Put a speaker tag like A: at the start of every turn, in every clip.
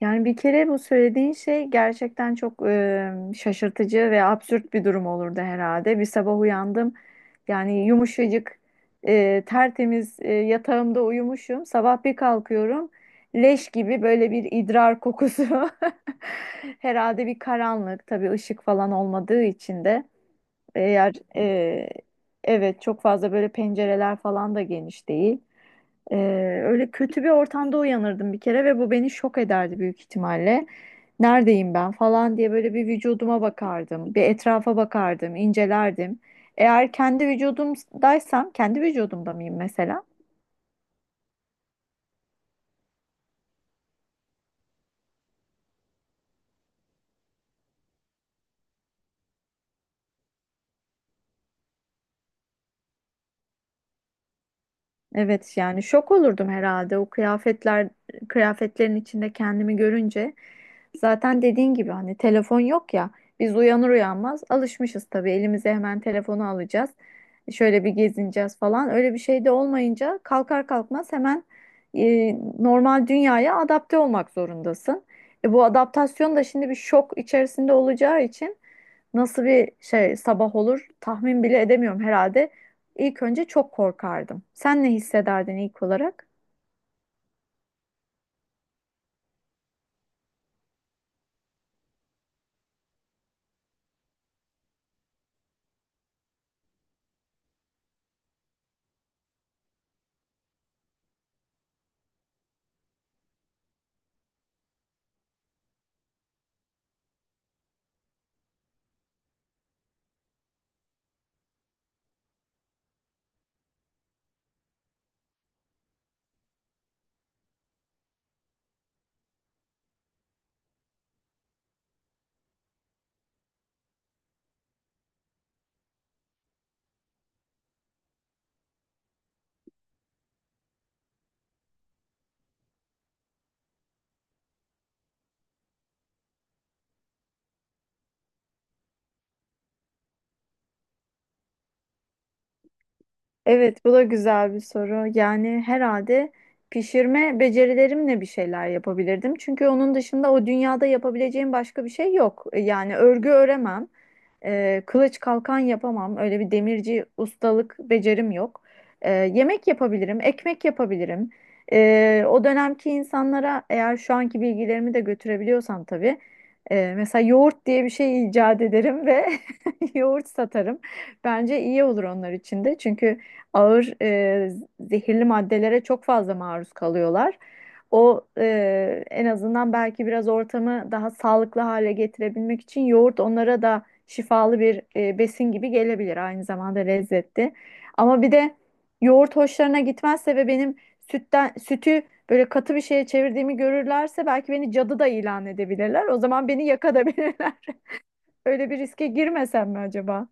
A: Yani bir kere bu söylediğin şey gerçekten çok şaşırtıcı ve absürt bir durum olurdu herhalde. Bir sabah uyandım, yani yumuşacık, tertemiz, yatağımda uyumuşum. Sabah bir kalkıyorum, leş gibi böyle bir idrar kokusu. Herhalde bir karanlık, tabii ışık falan olmadığı için de, eğer evet çok fazla böyle pencereler falan da geniş değil. E, Öyle kötü bir ortamda uyanırdım bir kere ve bu beni şok ederdi büyük ihtimalle. Neredeyim ben falan diye böyle bir vücuduma bakardım, bir etrafa bakardım, incelerdim. Eğer kendi vücudumdaysam, kendi vücudumda mıyım mesela? Evet, yani şok olurdum herhalde o kıyafetler, kıyafetlerin içinde kendimi görünce. Zaten dediğin gibi hani telefon yok ya. Biz uyanır uyanmaz alışmışız tabii, elimize hemen telefonu alacağız. Şöyle bir gezineceğiz falan. Öyle bir şey de olmayınca kalkar kalkmaz hemen normal dünyaya adapte olmak zorundasın. Bu adaptasyon da şimdi bir şok içerisinde olacağı için nasıl bir şey sabah olur tahmin bile edemiyorum herhalde. İlk önce çok korkardım. Sen ne hissederdin ilk olarak? Evet, bu da güzel bir soru. Yani herhalde pişirme becerilerimle bir şeyler yapabilirdim. Çünkü onun dışında o dünyada yapabileceğim başka bir şey yok. Yani örgü öremem. Kılıç kalkan yapamam. Öyle bir demirci ustalık becerim yok. Yemek yapabilirim, ekmek yapabilirim. O dönemki insanlara eğer şu anki bilgilerimi de götürebiliyorsam tabii, mesela yoğurt diye bir şey icat ederim ve yoğurt satarım. Bence iyi olur onlar için de. Çünkü ağır zehirli maddelere çok fazla maruz kalıyorlar. En azından belki biraz ortamı daha sağlıklı hale getirebilmek için yoğurt onlara da şifalı bir besin gibi gelebilir, aynı zamanda lezzetli. Ama bir de yoğurt hoşlarına gitmezse ve benim sütü böyle katı bir şeye çevirdiğimi görürlerse belki beni cadı da ilan edebilirler. O zaman beni yakabilirler. Öyle bir riske girmesem mi acaba?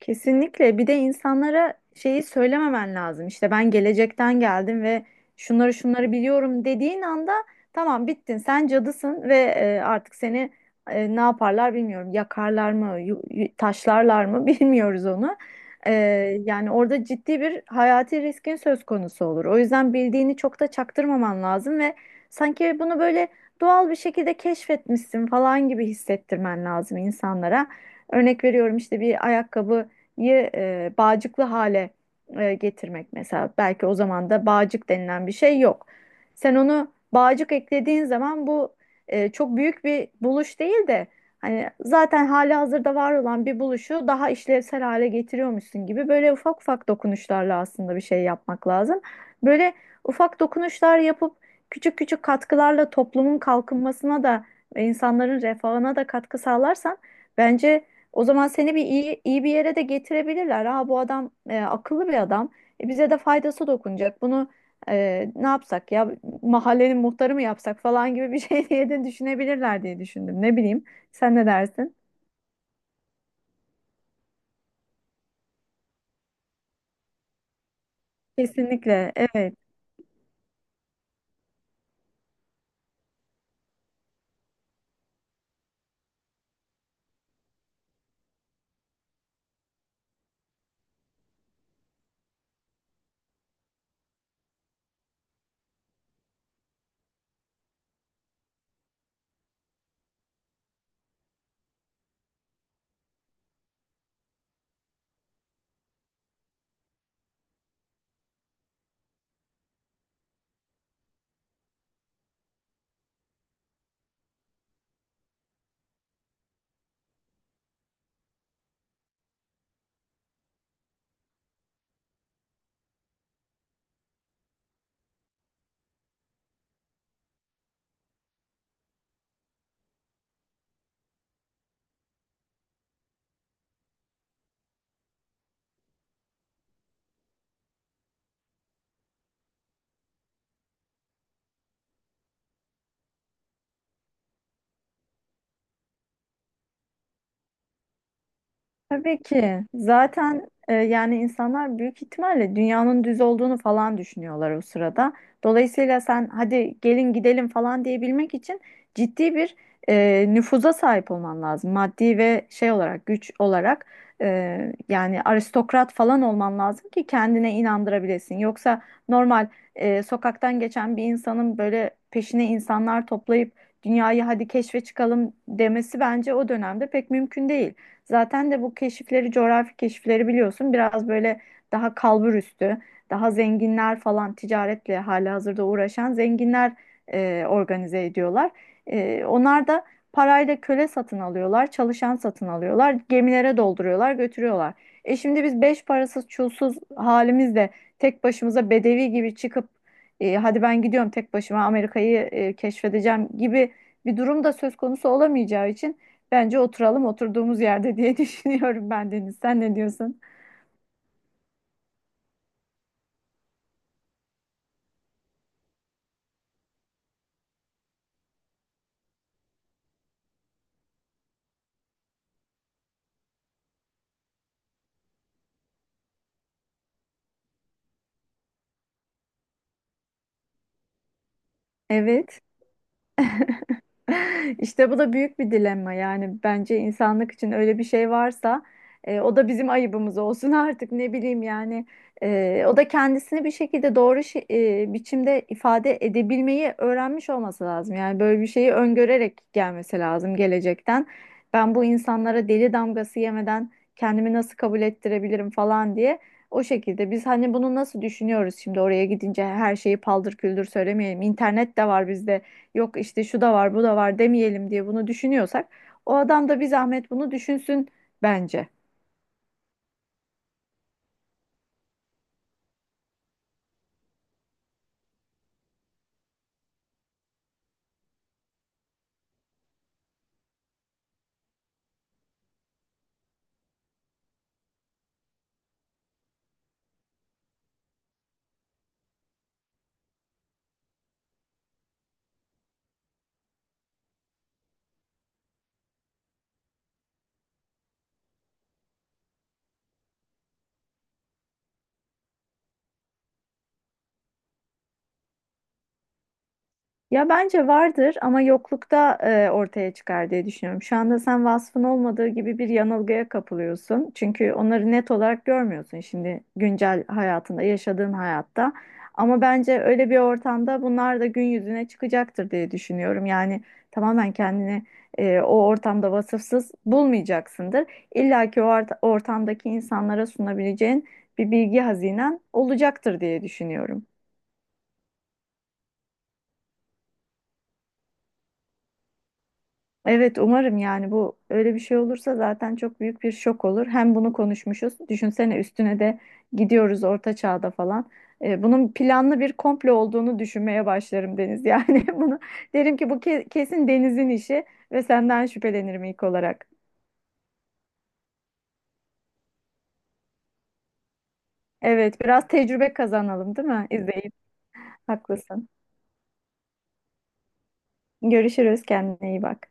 A: Kesinlikle. Bir de insanlara şeyi söylememen lazım. İşte ben gelecekten geldim ve şunları şunları biliyorum dediğin anda tamam, bittin. Sen cadısın ve artık seni ne yaparlar bilmiyorum. Yakarlar mı, taşlarlar mı bilmiyoruz onu. E, Yani orada ciddi bir hayati riskin söz konusu olur. O yüzden bildiğini çok da çaktırmaman lazım ve sanki bunu böyle doğal bir şekilde keşfetmişsin falan gibi hissettirmen lazım insanlara. Örnek veriyorum, işte bir ayakkabı bağcıklı hale getirmek mesela. Belki o zaman da bağcık denilen bir şey yok. Sen onu bağcık eklediğin zaman bu çok büyük bir buluş değil de hani zaten hali hazırda var olan bir buluşu daha işlevsel hale getiriyormuşsun gibi, böyle ufak ufak dokunuşlarla aslında bir şey yapmak lazım. Böyle ufak dokunuşlar yapıp küçük küçük katkılarla toplumun kalkınmasına da ve insanların refahına da katkı sağlarsan bence o zaman seni iyi, iyi bir yere de getirebilirler. Ha, bu adam akıllı bir adam. Bize de faydası dokunacak. Bunu ne yapsak ya, mahallenin muhtarı mı yapsak falan gibi bir şey diye de düşünebilirler diye düşündüm. Ne bileyim. Sen ne dersin? Kesinlikle. Evet. Tabii ki. Zaten yani insanlar büyük ihtimalle dünyanın düz olduğunu falan düşünüyorlar o sırada. Dolayısıyla sen hadi gelin gidelim falan diyebilmek için ciddi bir nüfuza sahip olman lazım. Maddi ve şey olarak, güç olarak, e, yani aristokrat falan olman lazım ki kendine inandırabilesin. Yoksa normal sokaktan geçen bir insanın böyle peşine insanlar toplayıp dünyayı hadi keşfe çıkalım demesi bence o dönemde pek mümkün değil. Zaten de bu keşifleri, coğrafi keşifleri biliyorsun, biraz böyle daha kalbur üstü, daha zenginler falan, ticaretle halihazırda uğraşan zenginler organize ediyorlar. Onlar da parayla köle satın alıyorlar, çalışan satın alıyorlar, gemilere dolduruyorlar, götürüyorlar. E şimdi biz beş parasız, çulsuz halimizle tek başımıza bedevi gibi çıkıp hadi ben gidiyorum tek başıma Amerika'yı keşfedeceğim gibi bir durum da söz konusu olamayacağı için bence oturalım oturduğumuz yerde diye düşünüyorum ben, Deniz. Sen ne diyorsun? Evet. İşte bu da büyük bir dilemma. Yani bence insanlık için öyle bir şey varsa o da bizim ayıbımız olsun, artık ne bileyim yani. O da kendisini bir şekilde doğru biçimde ifade edebilmeyi öğrenmiş olması lazım. Yani böyle bir şeyi öngörerek gelmesi lazım gelecekten. Ben bu insanlara deli damgası yemeden kendimi nasıl kabul ettirebilirim falan diye. O şekilde biz hani bunu nasıl düşünüyoruz, şimdi oraya gidince her şeyi paldır küldür söylemeyelim. İnternet de var bizde, yok işte şu da var bu da var demeyelim diye bunu düşünüyorsak o adam da bir zahmet bunu düşünsün bence. Ya bence vardır ama yoklukta ortaya çıkar diye düşünüyorum. Şu anda sen vasfın olmadığı gibi bir yanılgıya kapılıyorsun. Çünkü onları net olarak görmüyorsun şimdi güncel hayatında, yaşadığın hayatta. Ama bence öyle bir ortamda bunlar da gün yüzüne çıkacaktır diye düşünüyorum. Yani tamamen kendini o ortamda vasıfsız bulmayacaksındır. İlla ki ortamdaki insanlara sunabileceğin bir bilgi hazinen olacaktır diye düşünüyorum. Evet, umarım. Yani bu öyle bir şey olursa zaten çok büyük bir şok olur. Hem bunu konuşmuşuz. Düşünsene, üstüne de gidiyoruz orta çağda falan. Bunun planlı bir komplo olduğunu düşünmeye başlarım Deniz. Yani bunu derim ki bu kesin Deniz'in işi ve senden şüphelenirim ilk olarak. Evet, biraz tecrübe kazanalım değil mi? İzleyip haklısın. Görüşürüz, kendine iyi bak.